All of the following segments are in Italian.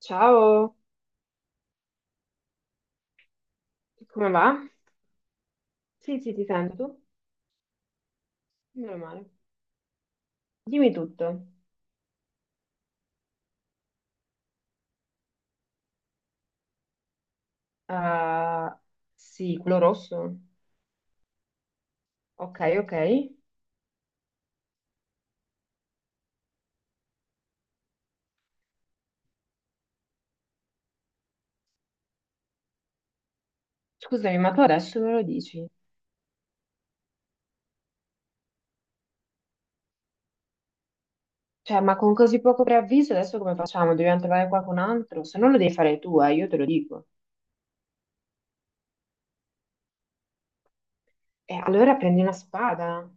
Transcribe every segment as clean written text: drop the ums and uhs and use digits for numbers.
Ciao, come va? Sì, sì, ti sento tu? Meno male. Dimmi tutto. Ah, sì, quello rosso. Ok, ok. Scusami, ma tu adesso me lo dici? Cioè, ma con così poco preavviso adesso come facciamo? Dobbiamo trovare qualcun altro? Se non lo devi fare tu, io te lo dico. E allora prendi una spada.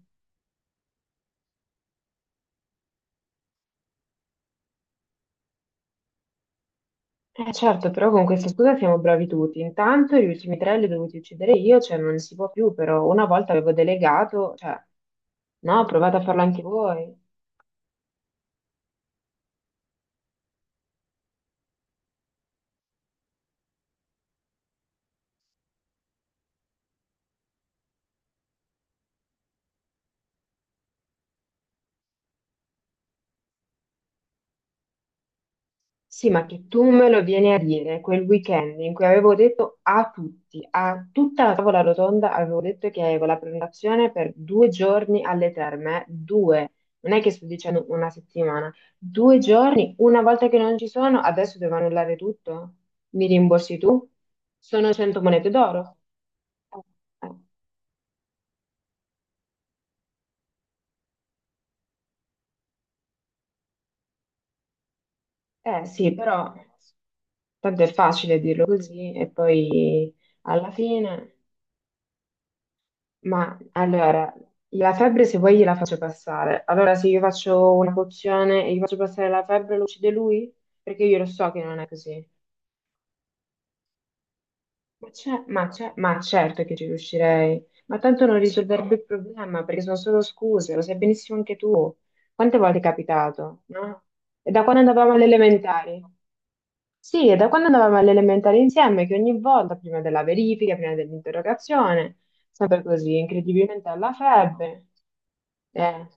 Eh certo, però con questa scusa siamo bravi tutti. Intanto gli ultimi tre li ho dovuti uccidere io, cioè non si può più, però una volta avevo delegato, cioè. No, provate a farlo anche voi. Sì, ma che tu me lo vieni a dire quel weekend in cui avevo detto a tutti, a tutta la tavola rotonda, avevo detto che avevo la prenotazione per due giorni alle terme, due, non è che sto dicendo una settimana, due giorni, una volta che non ci sono, adesso devo annullare tutto? Mi rimborsi tu? Sono 100 monete d'oro. Eh eh sì, però tanto è facile dirlo così e poi alla fine. Ma allora, la febbre se vuoi gliela faccio passare. Allora, se io faccio una pozione e gli faccio passare la febbre, lo uccide lui? Perché io lo so che non è così. Ma certo che ci riuscirei, ma tanto non risolverebbe il problema perché sono solo scuse, lo sai benissimo anche tu. Quante volte è capitato, no? E da quando andavamo alle elementari? Sì, e da quando andavamo alle elementari insieme, che ogni volta, prima della verifica, prima dell'interrogazione, sempre così, incredibilmente alla febbre. Eh,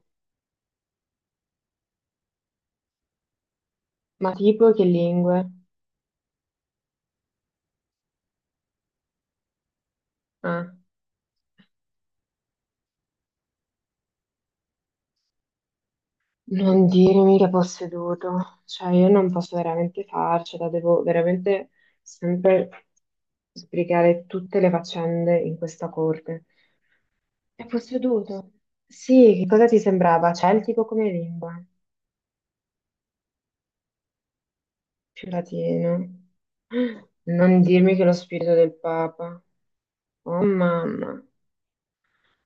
ma tipo che lingue? Ah. Non dirmi che posseduto, cioè io non posso veramente farcela, devo veramente sempre sbrigare tutte le faccende in questa corte. È posseduto. Sì, che cosa ti sembrava? Celtico come lingua, più latino. Non dirmi che è lo spirito del Papa. Oh mamma,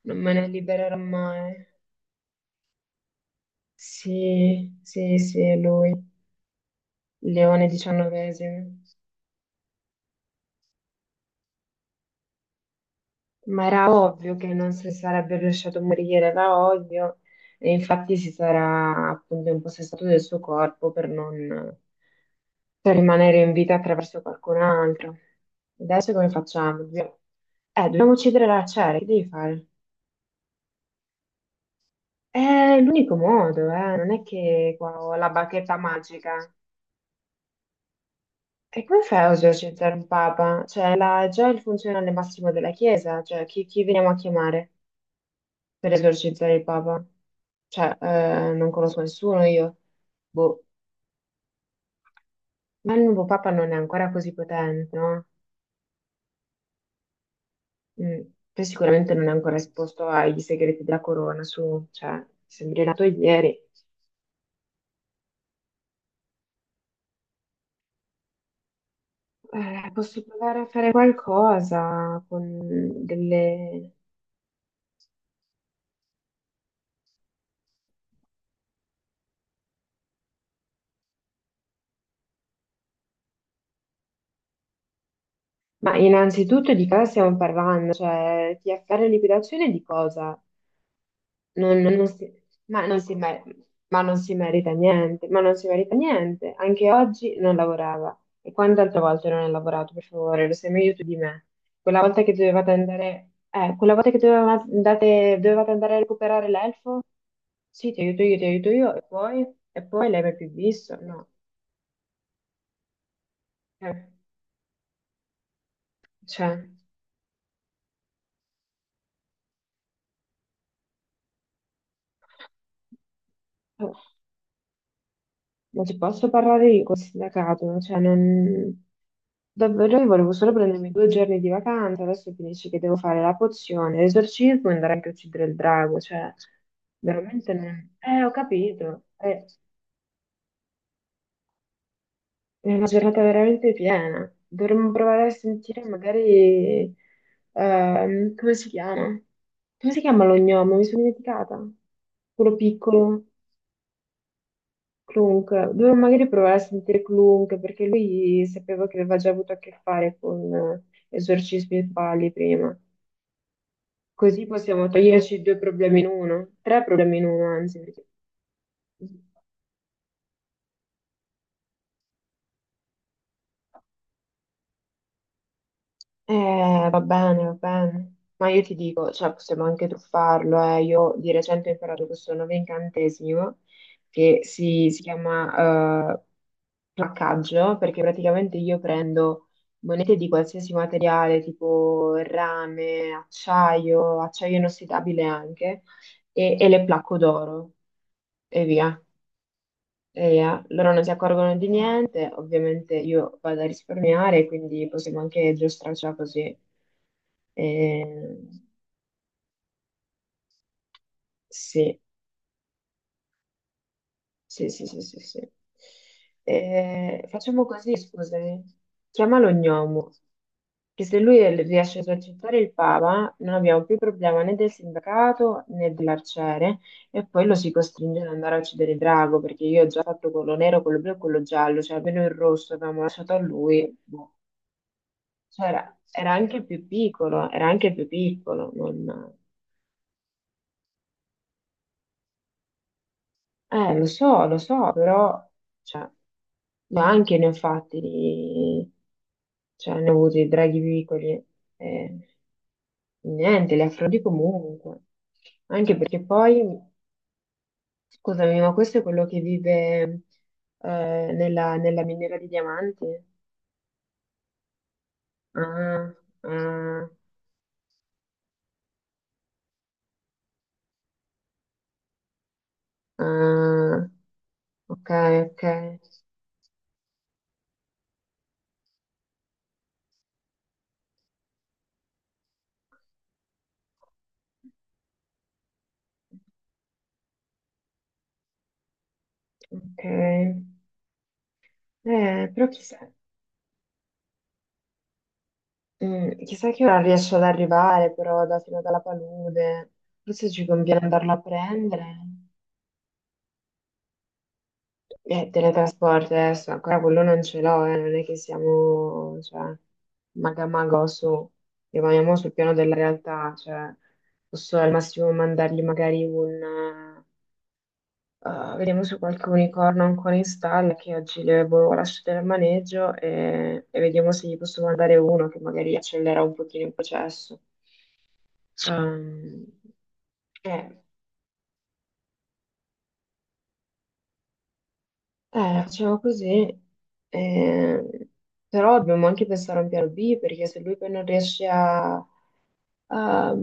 non me ne libererò mai. Sì, sì, sì, è lui, Leone XIX. Ma era ovvio che non si sarebbe lasciato morire da odio e infatti si sarà appunto impossessato del suo corpo per non per rimanere in vita attraverso qualcun altro. Adesso come facciamo? Dobbiamo- dobbiamo uccidere la Cera, che devi fare? È l'unico modo, non è che qua ho la bacchetta magica. E come fai a esorcizzare un papa? Cioè, la- già il funzionario massimo della Chiesa, cioè chi veniamo a chiamare per esorcizzare il Papa? Cioè, non conosco nessuno io. Boh, ma il nuovo Papa non è ancora così potente, no? Mm, poi sicuramente non è ancora esposto ai segreti della corona, su, cioè, sembri nato ieri. Posso provare a fare qualcosa con delle. Ma innanzitutto di cosa stiamo parlando? Cioè, TFR liquidazione di cosa? Non, non- non si, ma, non si mer- ma non si merita niente, ma non si merita niente. Anche oggi non lavorava. E quante altre volte non ha lavorato, per favore, lo sai meglio tu di me. Quella volta che dovevate andare, quella volta che dovevate, andate- dovevate andare a recuperare l'elfo? Sì, ti aiuto io, e poi lei mi ha più visto? No. Eh, cioè, oh, ma ci posso parlare io col sindacato? Cioè, non. Davvero, io volevo solo prendermi due giorni di vacanza, adesso finisce che devo fare la pozione, l'esorcismo e andare anche a uccidere il drago, cioè, veramente non. Ho capito, è una giornata veramente piena. Dovremmo provare a sentire magari, come si chiama? Come si chiama lo gnomo? Mi sono dimenticata. Quello piccolo. Clunk, dovevo magari provare a sentire Clunk perché lui sapevo che aveva già avuto a che fare con esorcismi e falli prima. Così possiamo toglierci due problemi in uno, tre problemi in uno, anzi. Perché- va bene, va bene. Ma io ti dico, cioè, possiamo anche truffarlo. Eh. Io di recente ho imparato questo nuovo incantesimo che si chiama placcaggio, perché praticamente io prendo monete di qualsiasi materiale, tipo rame, acciaio, acciaio inossidabile anche, e le placco d'oro e via. E loro non si accorgono di niente, ovviamente io vado a risparmiare, quindi possiamo anche giostrarcela così. Eh, sì, sì, sì, sì, sì, sì. Facciamo così, scusami. Chiamalo Gnomo, che se lui riesce a esercitare il Papa, non abbiamo più problema né del sindacato né dell'arciere, e poi lo si costringe ad andare a uccidere il drago, perché io ho già fatto quello nero, quello blu e quello giallo, cioè almeno il rosso che avevamo lasciato a lui. Boh. Cioè, era anche più piccolo, era anche più piccolo. Non- lo so, però, cioè, ma anche ne ho fatti di. Cioè, ne ho avuti i draghi piccoli. eh, niente, li affronti comunque. Anche perché poi, scusami, ma questo è quello che vive nella, miniera di diamanti? Ah, ah, ah, ok, ok, ok. Però chissà, chissà che ora riesce ad arrivare, però da fino dalla palude. Forse ci conviene andarlo a prendere. Teletrasporto adesso, ancora quello non ce l'ho, non è che siamo, cioè, maga mago su, rimaniamo sul piano della realtà, cioè, posso al massimo mandargli magari vediamo se qualche unicorno ancora in stalla, che oggi le avevo lasciate al maneggio, e vediamo se gli posso mandare uno che magari accelera un pochino il processo. Ehm, Eh, facciamo così. Eh, però dobbiamo anche pensare a un piano B perché se lui poi non riesce a, a-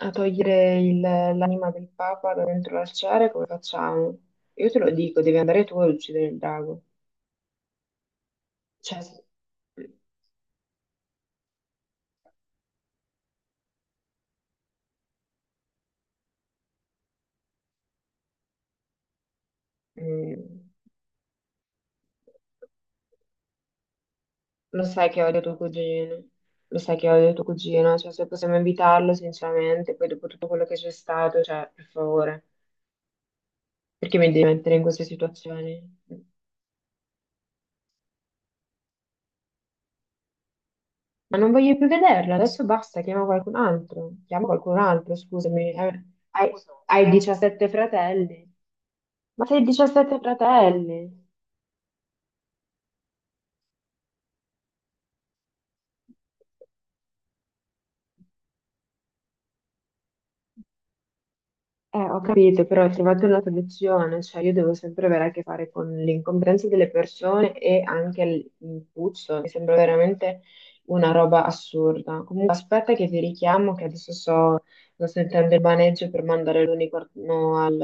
a togliere il- l'anima del Papa da dentro l'arciere, come facciamo? Io te lo dico, devi andare tu ad uccidere il drago. Cioè, mm, lo sai che odio tuo cugino, lo sai che odio tuo cugino, cioè se possiamo invitarlo sinceramente, poi dopo tutto quello che c'è stato, cioè, per favore. Perché mi devi mettere in queste situazioni? Ma non voglio più vederla, adesso basta, chiama qualcun altro. Chiama qualcun altro, scusami. Hai, hai 17 fratelli. Ma sei 17 fratelli. Ho capito, però trovate una soluzione, cioè io devo sempre avere a che fare con l'incomprensione delle persone e anche il puzzo, mi sembra veramente una roba assurda. Comunque aspetta che ti richiamo, che adesso sto sentendo il maneggio per mandare l'unicorno al-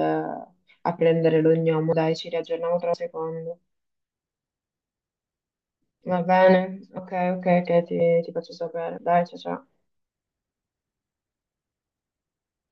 a prendere l'ognomo, dai, ci riaggiorniamo tra un secondo. Va bene? Ok, ok, ok, ti faccio sapere. Dai, ciao ciao.